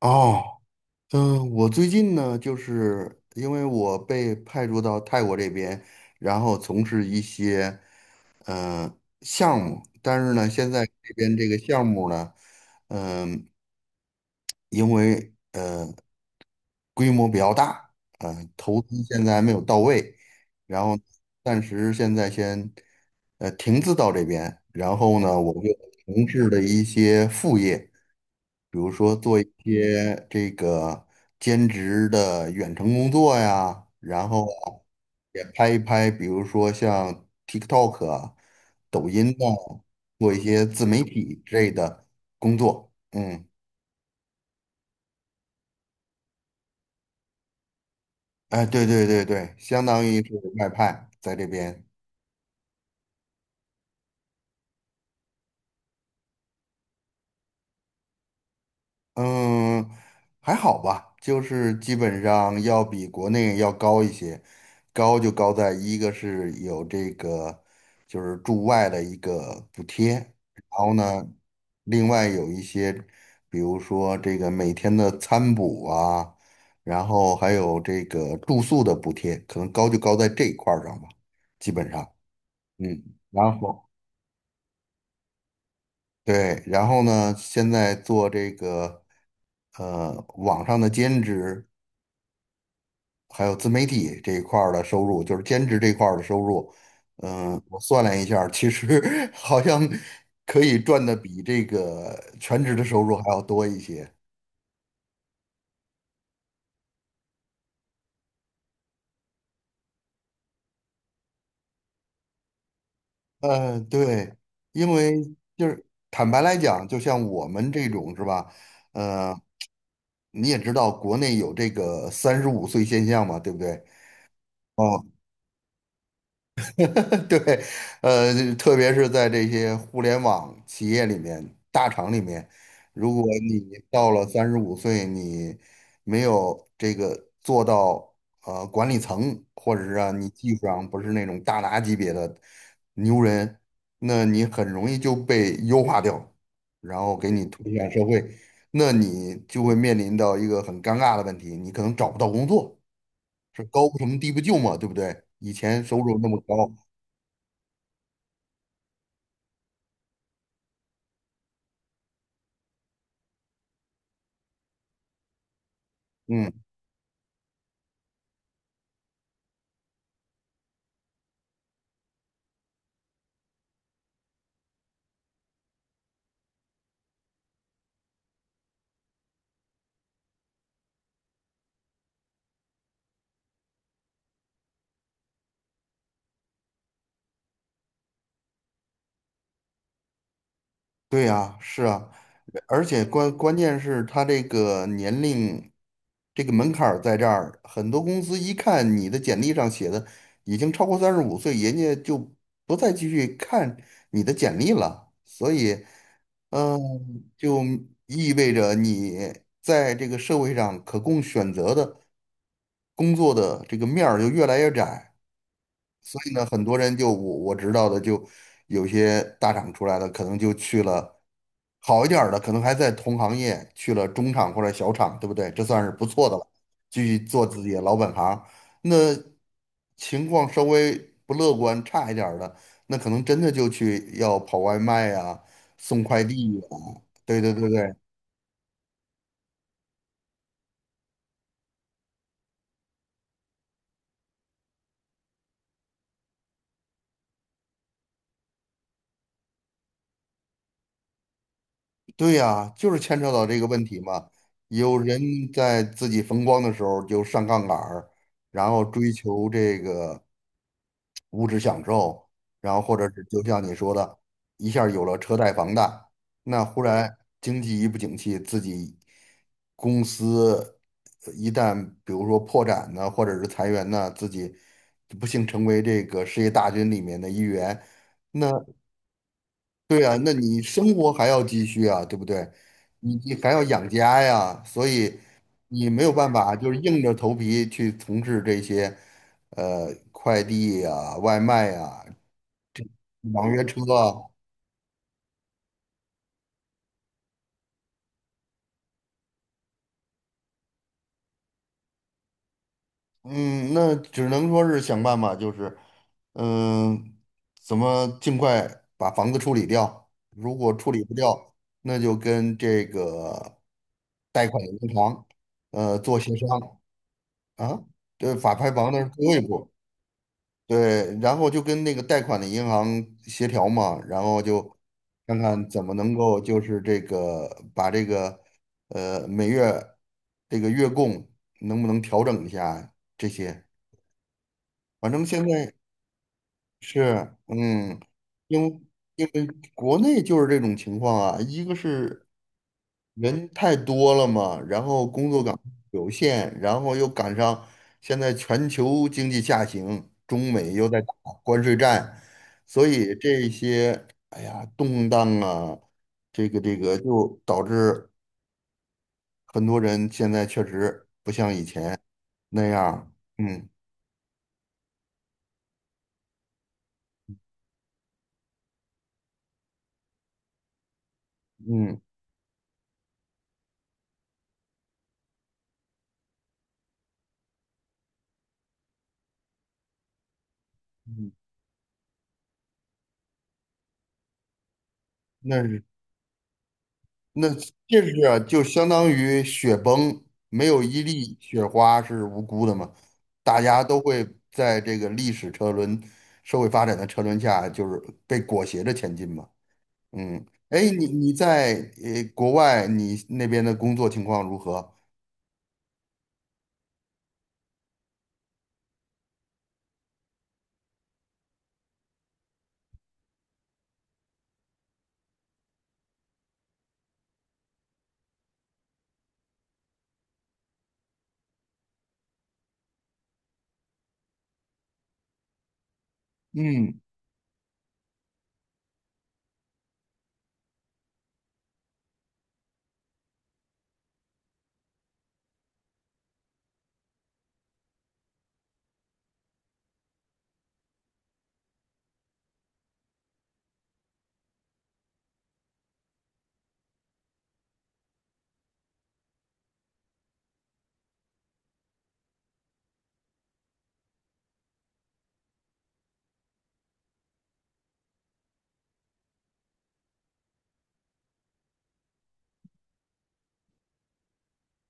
哦，我最近呢，就是因为我被派驻到泰国这边，然后从事一些呃项目，但是呢，现在这边这个项目呢，嗯、因为规模比较大，投资现在还没有到位，然后暂时现在先停滞到这边，然后呢，我就从事了一些副业。比如说做一些这个兼职的远程工作呀，然后啊也拍一拍，比如说像 TikTok 啊抖音呐，做一些自媒体之类的工作。嗯，哎，对对对对，相当于是外派在这边。嗯，还好吧，就是基本上要比国内要高一些，高就高在一个是有这个就是驻外的一个补贴，然后呢，另外有一些，比如说这个每天的餐补啊，然后还有这个住宿的补贴，可能高就高在这一块儿上吧，基本上，嗯，然后对，然后呢，现在做这个。网上的兼职，还有自媒体这一块儿的收入，就是兼职这一块儿的收入，嗯，我算了一下儿其实 好像可以赚的比这个全职的收入还要多一些。嗯，对，因为就是坦白来讲，就像我们这种是吧？呃，你也知道国内有这个三十五岁现象嘛，对不对？哦，对，特别是在这些互联网企业里面、大厂里面，如果你到了三十五岁，你没有这个做到管理层，或者是啊你技术上不是那种大拿级别的牛人，那你很容易就被优化掉，然后给你推向社会，那你就会面临到一个很尴尬的问题，你可能找不到工作，是高不成低不就嘛，对不对？以前收入那么高。嗯。对呀，是啊，而且关键是他这个年龄，这个门槛儿在这儿，很多公司一看你的简历上写的已经超过三十五岁，人家就不再继续看你的简历了。所以，嗯，就意味着你在这个社会上可供选择的工作的这个面儿就越来越窄。所以呢，很多人就我知道的，就有些大厂出来的，可能就去了好一点儿的，可能还在同行业去了中厂或者小厂，对不对？这算是不错的了，继续做自己的老本行。那情况稍微不乐观、差一点儿的，那可能真的就去要跑外卖啊、送快递啊，对对对对，对呀，就是牵扯到这个问题嘛。有人在自己风光的时候就上杠杆儿，然后追求这个物质享受，然后或者是就像你说的，一下儿有了车贷、房贷，那忽然经济一不景气，自己公司一旦比如说破产呢，或者是裁员呢，自己不幸成为这个失业大军里面的一员。那。对啊，那你生活还要继续啊，对不对？你还要养家呀，所以你没有办法，就是硬着头皮去从事这些，快递呀、外卖呀、网约车啊，嗯，那只能说是想办法，就是，嗯、怎么尽快把房子处理掉？如果处理不掉，那就跟这个贷款银行，做协商啊，这法拍房那是最后一步。对，然后就跟那个贷款的银行协调嘛，然后就看看怎么能够就是这个把这个每月这个月供能不能调整一下这些。反正现在是因为因为国内就是这种情况啊，一个是人太多了嘛，然后工作岗有限，然后又赶上现在全球经济下行，中美又在打关税战，所以这些哎呀动荡啊，这个就导致很多人现在确实那样儿嗯嗯嗯，那是那这是啊就相当于雪崩，没有一粒雪花是无辜的嘛，大家都会在这个历史车轮、社会发展的车轮下，就是被裹挟着前进嘛。嗯，哎，你在国外，你那边的工作情况如何？嗯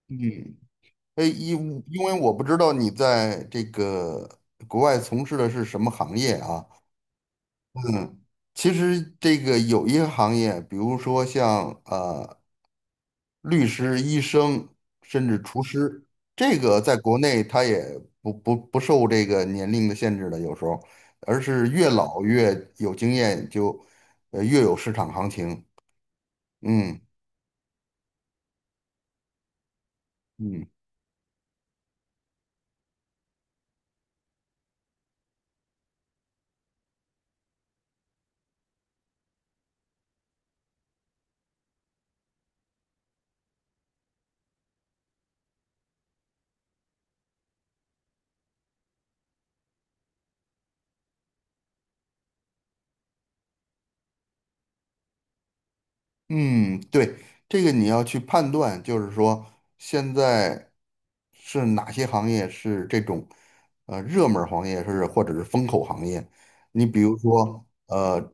嗯，哎，因为我不知道你在这个国外从事的是什么行业啊？嗯，其实这个有一些行业，比如说像律师、医生，甚至厨师，这个在国内他也不受这个年龄的限制的，有时候，而是越老越有经验就，越有市场行情。嗯嗯。嗯，对，这个你要去判断，就是说现在是哪些行业是这种热门儿行业，是或者是风口行业。你比如说，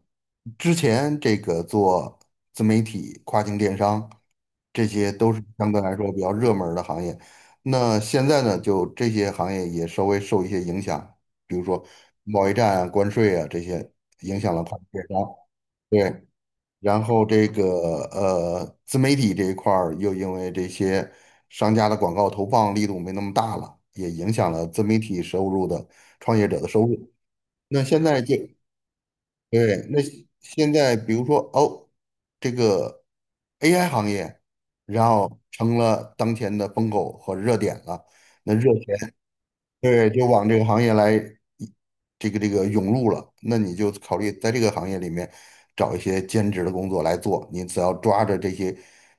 之前这个做自媒体、跨境电商，这些都是相对来说比较热门儿的行业。那现在呢，就这些行业也稍微受一些影响，比如说贸易战啊、关税啊这些影响了跨境电商。对，然后这个自媒体这一块儿又因为这些商家的广告投放力度没那么大了，也影响了自媒体收入的创业者的收入。那现在就对，那现在比如说哦，这个 AI 行业，然后成了当前的风口和热点了。那热钱。对，就往这个行业来，这个涌入了，那你就考虑在这个行业里面找一些兼职的工作来做。你只要抓着这些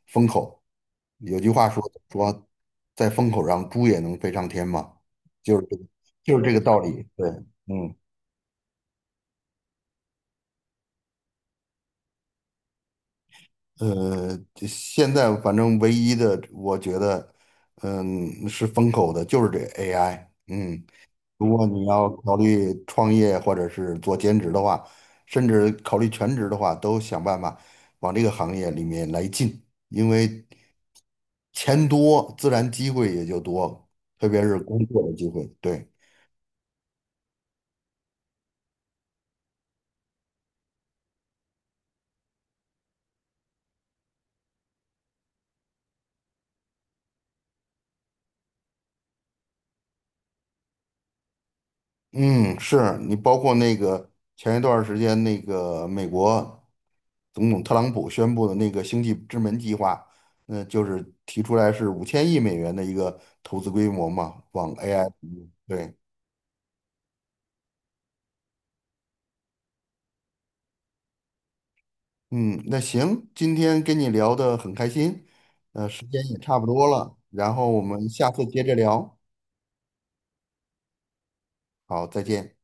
风口，有句话说，在风口上猪也能飞上天嘛，就是这个，就是这个道理。对，嗯，这现在反正唯一的，我觉得，嗯，是风口的，就是这 AI。嗯。如果你要考虑创业或者是做兼职的话，甚至考虑全职的话，都想办法往这个行业里面来进，因为钱多，自然机会也就多，特别是工作的机会。对，嗯，是你包括那个前一段儿时间那个美国总统特朗普宣布的那个星际之门计划，那就是提出来是5000亿美元的一个投资规模嘛，往 AI 对。嗯，那行，今天跟你聊得很开心，时间也差不多了，然后我们下次接着聊，好，再见。